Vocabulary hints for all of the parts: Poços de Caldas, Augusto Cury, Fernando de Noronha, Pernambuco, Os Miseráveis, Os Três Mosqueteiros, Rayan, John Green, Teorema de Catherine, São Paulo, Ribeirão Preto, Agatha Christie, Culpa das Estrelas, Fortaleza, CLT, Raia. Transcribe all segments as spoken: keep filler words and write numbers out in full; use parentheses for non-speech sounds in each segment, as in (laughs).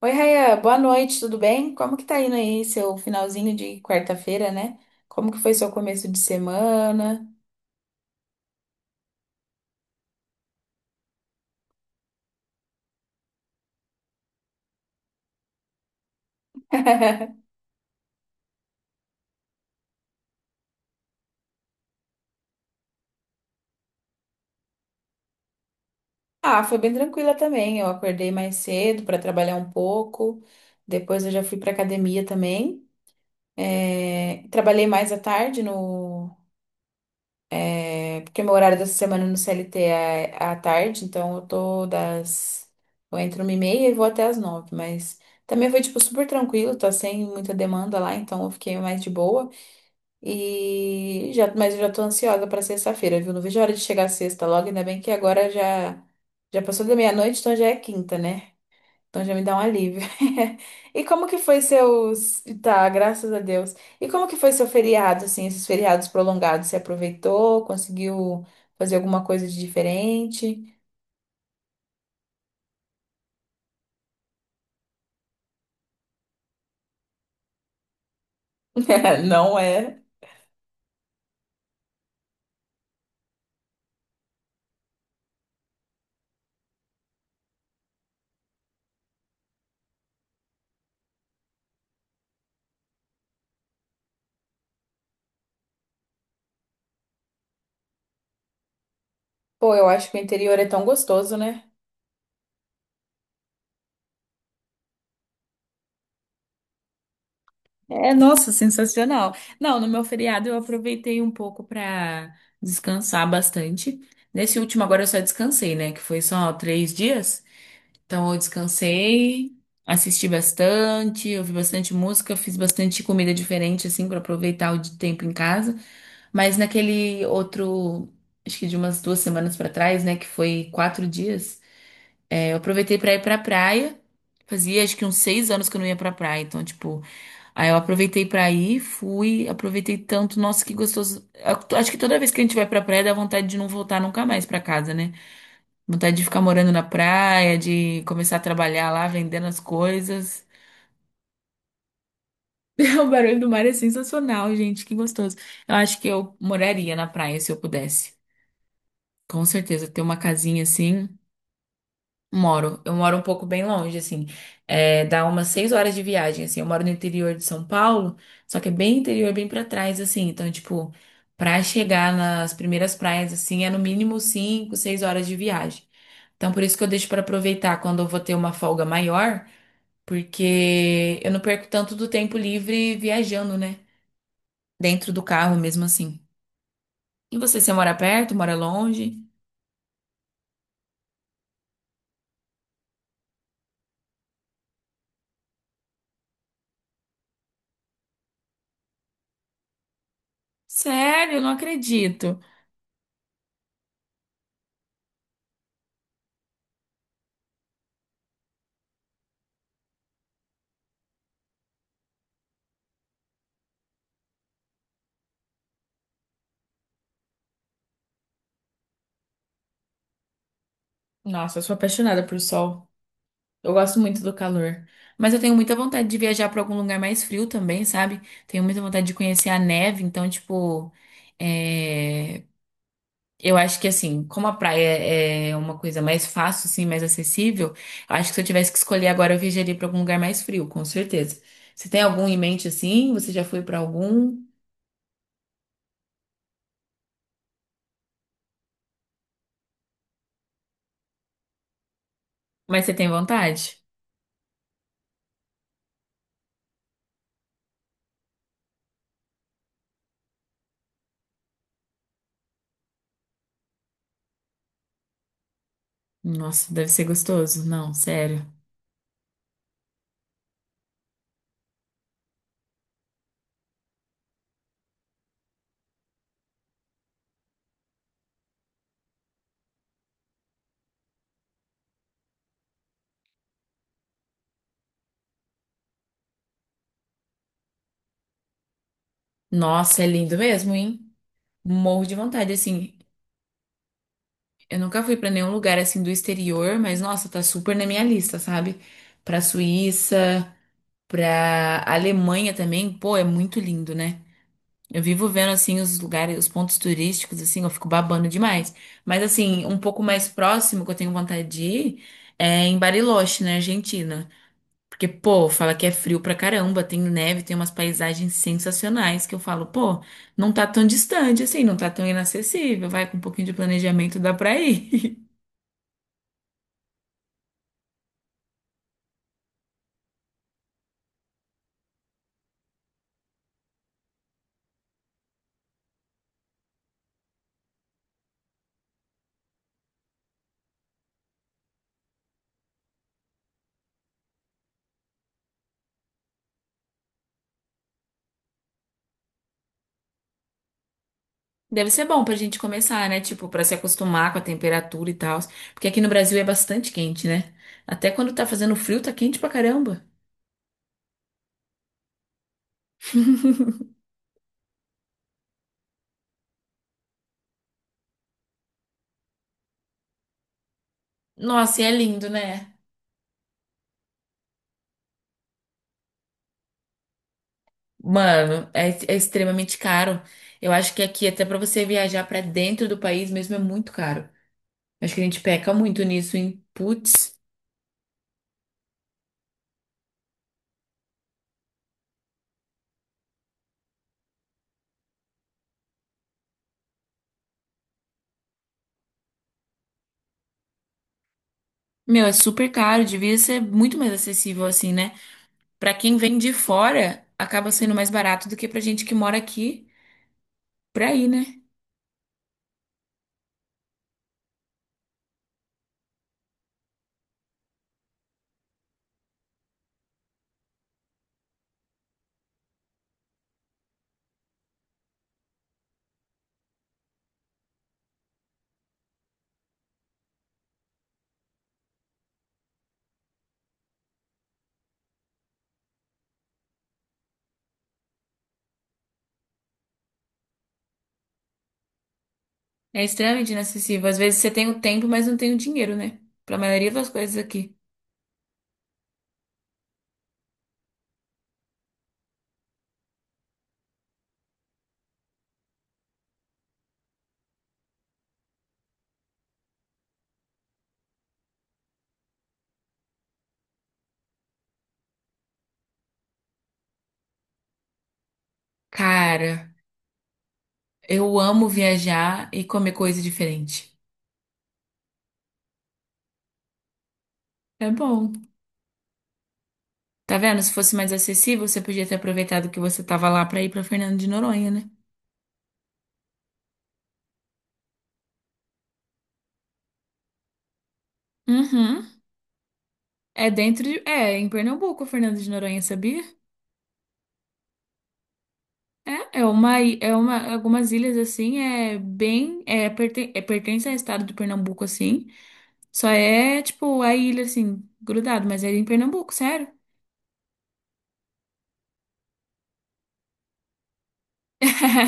Oi, Raia, boa noite, tudo bem? Como que tá indo aí seu finalzinho de quarta-feira, né? Como que foi seu começo de semana? (laughs) Ah, foi bem tranquila também. Eu acordei mais cedo para trabalhar um pouco. Depois eu já fui para academia também. É, trabalhei mais à tarde no é, porque meu horário dessa semana no C L T é à tarde, então eu tô das eu entro uma e meia e vou até às nove, mas também foi tipo super tranquilo, tá sem muita demanda lá, então eu fiquei mais de boa. E já, mas eu já tô ansiosa pra sexta-feira, viu? Não vejo a hora de chegar a sexta logo, ainda bem que agora já já passou da meia-noite, então já é quinta, né? Então já me dá um alívio. (laughs) E como que foi seus... Tá, graças a Deus. E como que foi seu feriado, assim, esses feriados prolongados? Você aproveitou? Conseguiu fazer alguma coisa de diferente? (laughs) Não é? Pô, eu acho que o interior é tão gostoso, né? É, nossa, sensacional. Não, no meu feriado eu aproveitei um pouco para descansar bastante. Nesse último agora eu só descansei, né? Que foi só três dias. Então eu descansei, assisti bastante, ouvi bastante música, fiz bastante comida diferente, assim, para aproveitar o de- tempo em casa. Mas naquele outro, acho que de umas duas semanas para trás, né? Que foi quatro dias, é, eu aproveitei para ir pra praia. Fazia acho que uns seis anos que eu não ia pra praia, então, tipo. Aí eu aproveitei pra ir, fui, aproveitei tanto, nossa, que gostoso. Eu- Acho que toda vez que a gente vai pra praia dá vontade de não voltar nunca mais pra casa, né? Vontade de ficar morando na praia, de começar a trabalhar lá, vendendo as coisas. (laughs) O barulho do mar é sensacional, gente, que gostoso. Eu acho que eu moraria na praia se eu pudesse. Com certeza, ter uma casinha assim. Moro, eu moro um pouco bem longe, assim, é, dá umas seis horas de viagem, assim, eu moro no interior de São Paulo, só que é bem interior, bem pra trás, assim, então, tipo, pra chegar nas primeiras praias, assim, é no mínimo cinco, seis horas de viagem. Então, por isso que eu deixo pra aproveitar quando eu vou ter uma folga maior, porque eu não perco tanto do tempo livre viajando, né? Dentro do carro mesmo assim. E você, você mora perto, mora longe? Sério, eu não acredito. Nossa, eu sou apaixonada por sol. Eu gosto muito do calor. Mas eu tenho muita vontade de viajar para algum lugar mais frio também, sabe? Tenho muita vontade de conhecer a neve. Então, tipo, é, eu acho que assim, como a praia é uma coisa mais fácil, assim, mais acessível, eu acho que se eu tivesse que escolher agora, eu viajaria para algum lugar mais frio, com certeza. Você tem algum em mente assim? Você já foi para algum? Mas você tem vontade? Nossa, deve ser gostoso. Não, sério. Nossa, é lindo mesmo, hein? Morro de vontade, assim. Eu nunca fui pra nenhum lugar assim do exterior, mas nossa, tá super na minha lista, sabe? Pra Suíça, pra Alemanha também, pô, é muito lindo, né? Eu vivo vendo assim os lugares, os pontos turísticos, assim, eu fico babando demais. Mas assim, um pouco mais próximo que eu tenho vontade de ir é em Bariloche, na Argentina. Porque, pô, fala que é frio pra caramba, tem neve, tem umas paisagens sensacionais que eu falo, pô, não tá tão distante assim, não tá tão inacessível, vai com um pouquinho de planejamento, dá pra ir. Deve ser bom pra gente começar, né? Tipo, pra se acostumar com a temperatura e tal. Porque aqui no Brasil é bastante quente, né? Até quando tá fazendo frio, tá quente pra caramba. Nossa, e é lindo, né? Mano, é, é extremamente caro. Eu acho que aqui, até pra você viajar pra dentro do país mesmo, é muito caro. Acho que a gente peca muito nisso, hein? Putz. Meu, é super caro. Devia ser muito mais acessível assim, né? Pra quem vem de fora, acaba sendo mais barato do que pra gente que mora aqui pra ir, né? É extremamente inacessível. Às vezes você tem o tempo, mas não tem o dinheiro, né? Pra maioria das coisas aqui. Cara, eu amo viajar e comer coisa diferente. É bom. Tá vendo? Se fosse mais acessível, você podia ter aproveitado que você tava lá pra ir pra Fernando de Noronha, né? Uhum. É dentro de... É, em Pernambuco, Fernando de Noronha, sabia? É, é uma... i- É uma... Algumas ilhas, assim, é bem... É, perten... é pertence ao estado do Pernambuco, assim. Só é, tipo, a ilha, assim, grudado. Mas é em Pernambuco, sério. (laughs)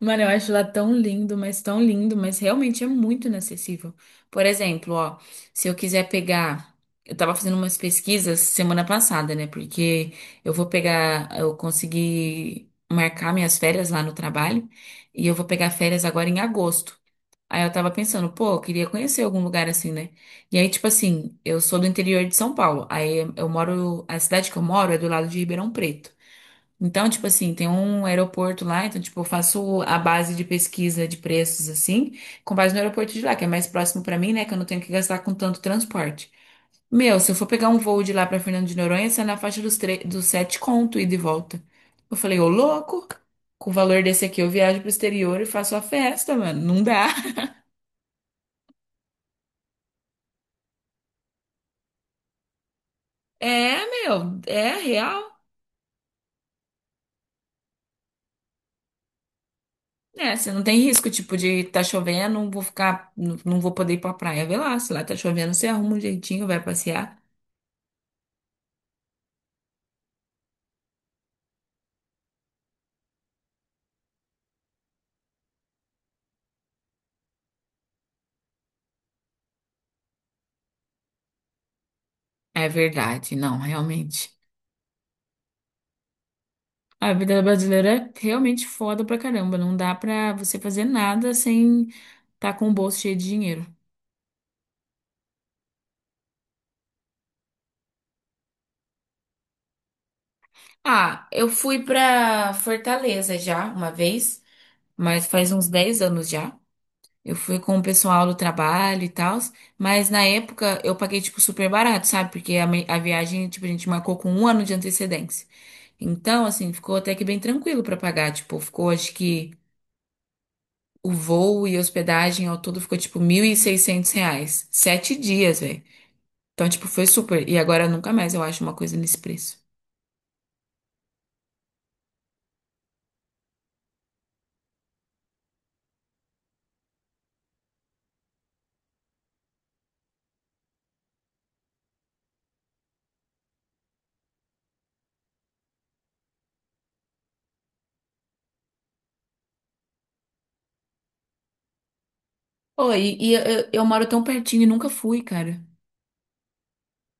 Mano, eu acho lá tão lindo, mas tão lindo, mas realmente é muito inacessível. Por exemplo, ó, se eu quiser pegar. Eu tava fazendo umas pesquisas semana passada, né? Porque eu vou pegar. Eu consegui marcar minhas férias lá no trabalho e eu vou pegar férias agora em agosto. Aí eu tava pensando, pô, eu queria conhecer algum lugar assim, né? E aí, tipo assim, eu sou do interior de São Paulo. Aí eu moro. A cidade que eu moro é do lado de Ribeirão Preto. Então, tipo assim, tem um aeroporto lá, então, tipo, eu faço a base de pesquisa de preços, assim, com base no aeroporto de lá, que é mais próximo pra mim, né, que eu não tenho que gastar com tanto transporte. Meu, se eu for pegar um voo de lá pra Fernando de Noronha, sai na faixa dos, tre- dos sete conto e de volta. Eu falei, ô louco, com o valor desse aqui eu viajo pro exterior e faço a festa, mano, não dá. (laughs) É, meu, é real. É, você não tem risco, tipo, de tá chovendo, vou ficar, não não vou poder ir pra praia. Vê lá, se lá tá chovendo, você arruma um jeitinho, vai passear. É verdade, não, realmente. A vida brasileira é realmente foda pra caramba. Não dá pra você fazer nada sem tá com o bolso cheio de dinheiro. Ah, eu fui pra Fortaleza já uma vez, mas faz uns dez anos já. Eu fui com o pessoal do trabalho e tal, mas na época eu paguei, tipo, super barato, sabe? Porque a, me- a viagem, tipo, a gente marcou com um ano de antecedência. Então, assim, ficou até que bem tranquilo pra pagar. Tipo, ficou, acho que o voo e hospedagem ao todo ficou, tipo, mil e seiscentos reais. Sete dias, velho. Então, tipo, foi super. E agora nunca mais eu acho uma coisa nesse preço. Oi, e, e eu, eu moro tão pertinho e nunca fui, cara.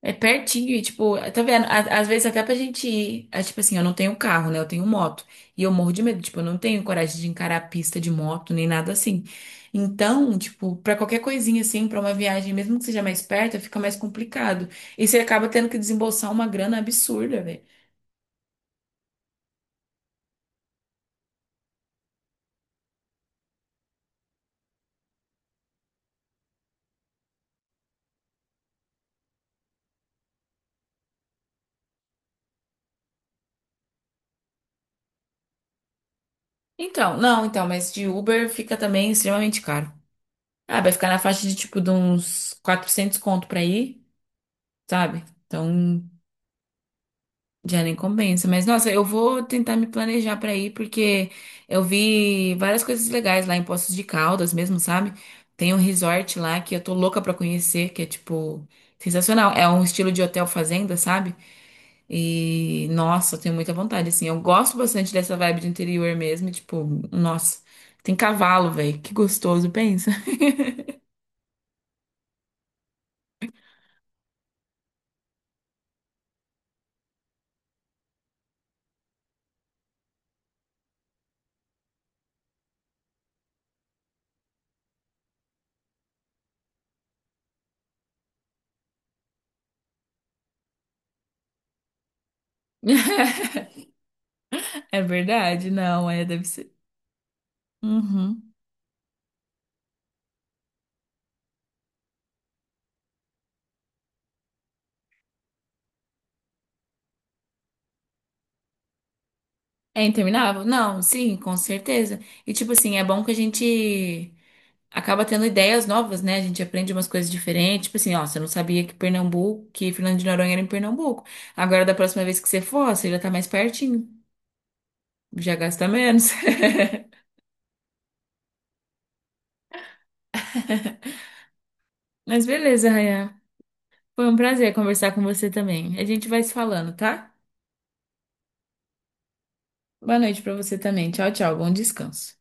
É pertinho, e tipo, tá vendo? Á- Às vezes até pra gente ir. É, tipo assim, eu não tenho carro, né? Eu tenho moto. E eu morro de medo, tipo, eu não tenho coragem de encarar a pista de moto, nem nada assim. Então, tipo, pra qualquer coisinha assim, pra uma viagem, mesmo que seja mais perto, fica mais complicado. E você acaba tendo que desembolsar uma grana absurda, velho. Então, não, então, mas de Uber fica também extremamente caro. Ah, vai ficar na faixa de tipo de uns quatrocentos conto pra ir, sabe? Então. Já nem compensa. Mas, nossa, eu vou tentar me planejar pra ir, porque eu vi várias coisas legais lá em Poços de Caldas mesmo, sabe? Tem um resort lá que eu tô louca pra conhecer, que é, tipo, sensacional. É um estilo de hotel fazenda, sabe? E, nossa, eu tenho muita vontade, assim. Eu gosto bastante dessa vibe do interior mesmo, e, tipo, nossa, tem cavalo, velho. Que gostoso, pensa. (laughs) É verdade, não, é, deve ser. Uhum. É interminável? Não, sim, com certeza. E tipo assim, é bom que a gente acaba tendo ideias novas, né? A gente aprende umas coisas diferentes. Tipo assim, ó, você não sabia que Pernambuco, que Fernando de Noronha era em Pernambuco. Agora, da próxima vez que você for, ó, você já tá mais pertinho. Já gasta menos. (laughs) Mas beleza, Rayan. Foi um prazer conversar com você também. A gente vai se falando, tá? Boa noite pra você também. Tchau, tchau. Bom descanso.